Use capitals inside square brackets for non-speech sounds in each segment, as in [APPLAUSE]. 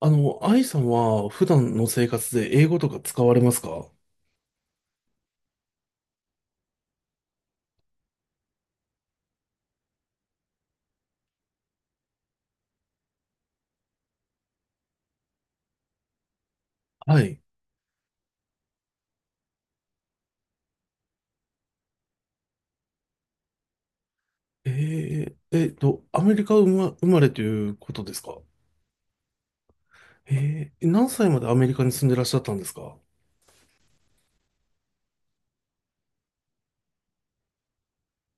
愛さんは普段の生活で英語とか使われますか？はい。アメリカ生まれということですか？何歳までアメリカに住んでらっしゃったんですか？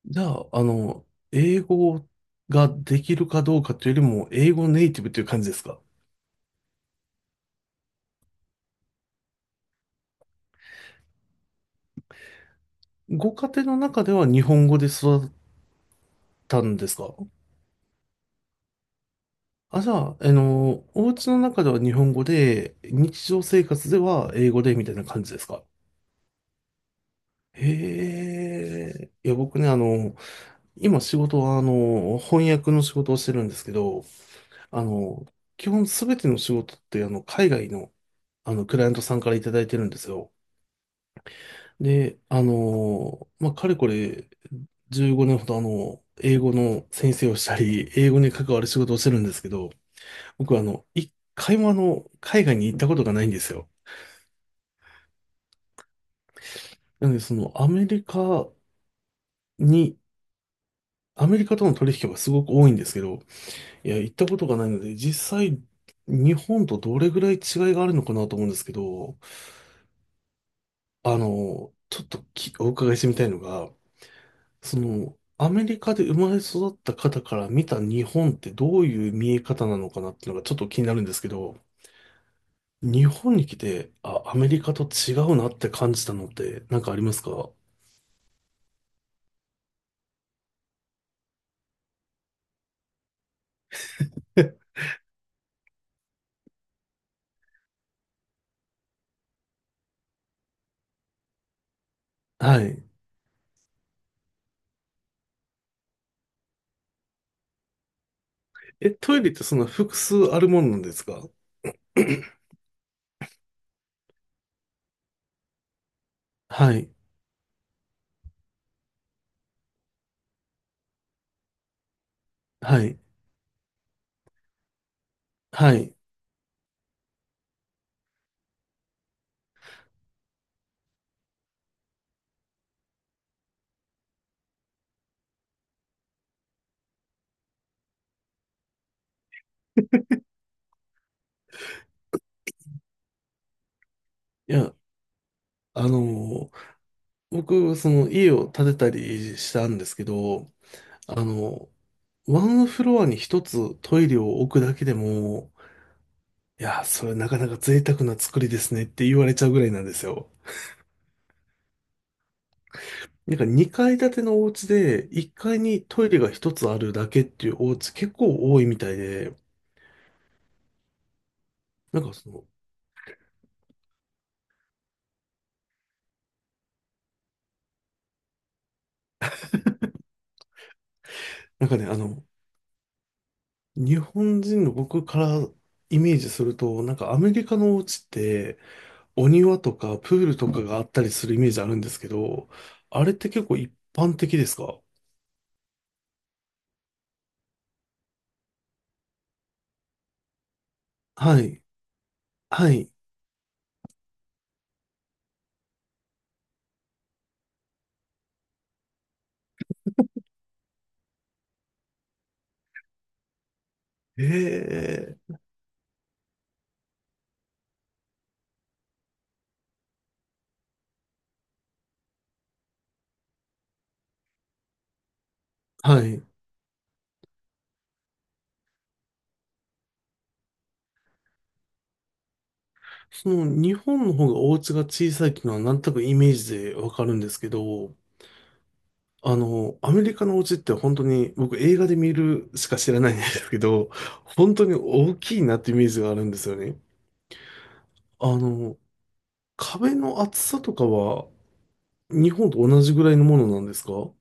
じゃあ、英語ができるかどうかというよりも、英語ネイティブという感じですか？ご家庭の中では日本語で育ったんですか？あ、じゃあ、お家の中では日本語で、日常生活では英語でみたいな感じですか？へえ。いや、僕ね、今仕事は、翻訳の仕事をしてるんですけど、あの、基本すべての仕事って、海外の、クライアントさんからいただいてるんですよ。で、まあ、かれこれ15年ほど、英語の先生をしたり、英語に関わる仕事をしてるんですけど、僕は、一回も、海外に行ったことがないんですよ。なので、に、アメリカとの取引はすごく多いんですけど、いや、行ったことがないので、実際、日本とどれぐらい違いがあるのかなと思うんですけど、ちょっときお伺いしてみたいのが、アメリカで生まれ育った方から見た日本ってどういう見え方なのかなっていうのがちょっと気になるんですけど、日本に来て、あ、アメリカと違うなって感じたのってなんかありますか？ [LAUGHS] はい。え、トイレってそんな複数あるものなんですか？はい。はい。はい。いや、あの僕、その家を建てたりしたんですけど、あの、ワンフロアに一つトイレを置くだけでも、いや、それなかなか贅沢な作りですねって言われちゃうぐらいなんですよ。なんか2階建てのお家で1階にトイレが一つあるだけっていうお家結構多いみたいで、なんかなんかね、日本人の僕からイメージすると、なんかアメリカのお家って、お庭とかプールとかがあったりするイメージあるんですけど、あれって結構一般的ですか？はい。はい。ええ。はい。その日本の方がお家が小さいっていうのはなんとなくイメージでわかるんですけど、アメリカのお家って本当に僕映画で見るしか知らないんですけど、本当に大きいなってイメージがあるんですよね。あの、壁の厚さとかは日本と同じぐらいのものなんですか？は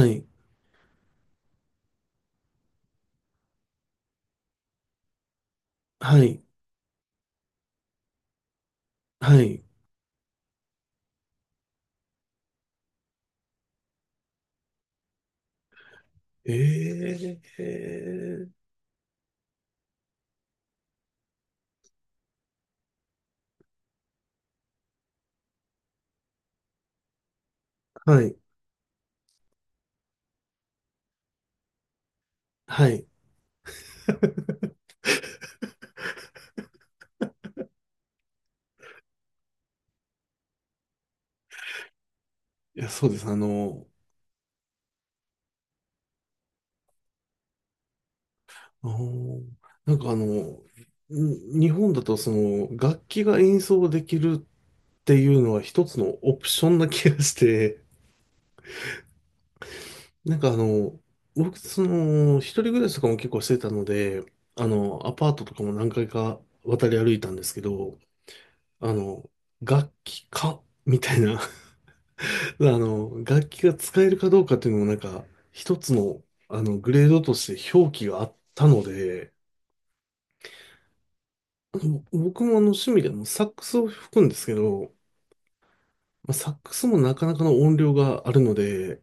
い。はい。はい。ええ、はい、はい。[LAUGHS] いや、そうです。あーなんか日本だとその楽器が演奏できるっていうのは一つのオプションな気がして、[LAUGHS] なんか僕、一人暮らしとかも結構してたので、アパートとかも何回か渡り歩いたんですけど、あの、楽器かみたいな楽器が使えるかどうかっていうのもなんか、一つの、グレードとして表記があったので、ぼ僕も趣味でもサックスを吹くんですけど、まあ、サックスもなかなかの音量があるので、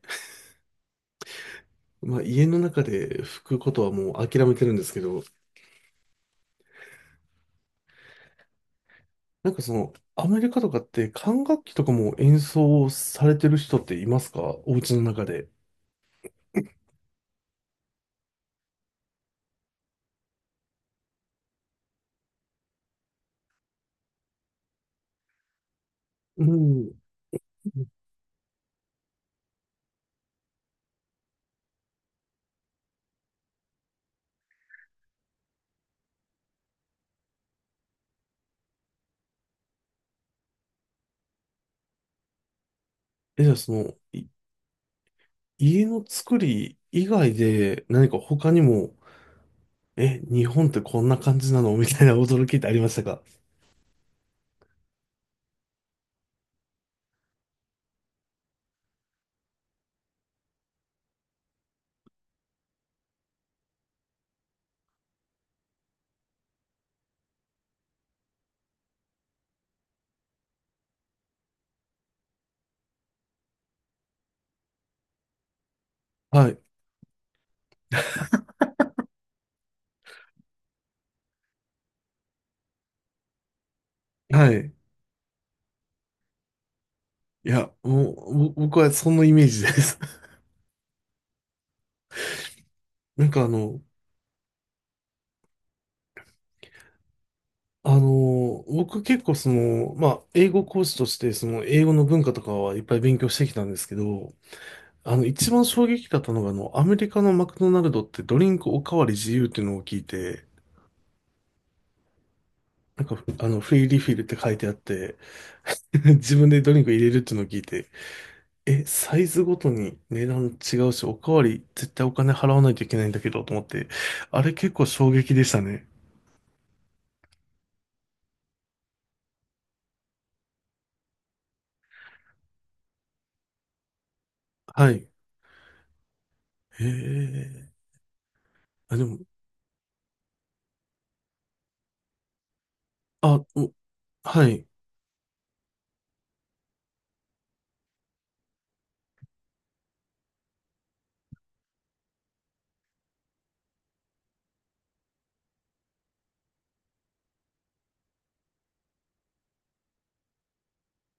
まあ、家の中で吹くことはもう諦めてるんですけど、なんかアメリカとかって管楽器とかも演奏されてる人っていますか？お家の中で。うん。え、じゃあ家の作り以外で何か他にも、え、日本ってこんな感じなの [LAUGHS] みたいな驚きってありましたか？はい。はい。いや、もう、僕はそのイメージです。[LAUGHS] なんかあの僕結構まあ、英語講師として、その英語の文化とかはいっぱい勉強してきたんですけど、一番衝撃だったのが、アメリカのマクドナルドってドリンクおかわり自由っていうのを聞いて、なんか、フリーリフィルって書いてあって、[LAUGHS] 自分でドリンク入れるっていうのを聞いて、え、サイズごとに値段違うし、おかわり絶対お金払わないといけないんだけど、と思って、あれ結構衝撃でしたね。はい。へえ。あ、でも、あ、おはい。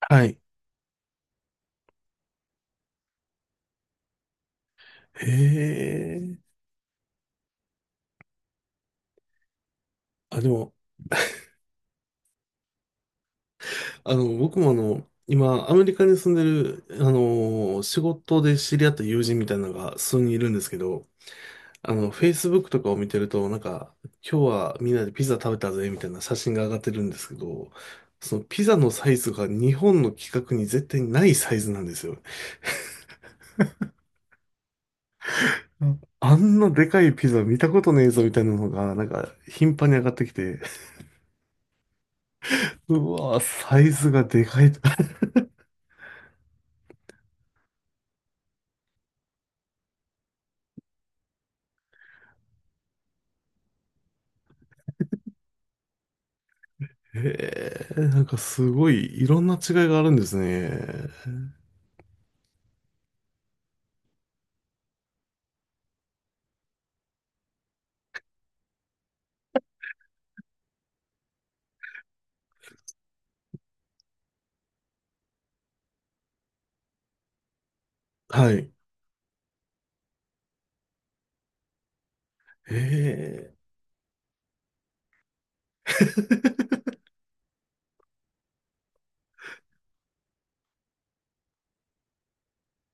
はい。へえ。あ、でも、僕も今、アメリカに住んでる、仕事で知り合った友人みたいなのが数人いるんですけど、Facebook とかを見てると、なんか、今日はみんなでピザ食べたぜ、みたいな写真が上がってるんですけど、そのピザのサイズが日本の規格に絶対ないサイズなんですよ。うん、あんなでかいピザ見たことねえぞ、みたいなのが、なんか、頻繁に上がってきて、うわぁ、サイズがでかいと [LAUGHS] へえ、なんかすごい、いろんな違いがあるんですね。はい。へえ。[LAUGHS]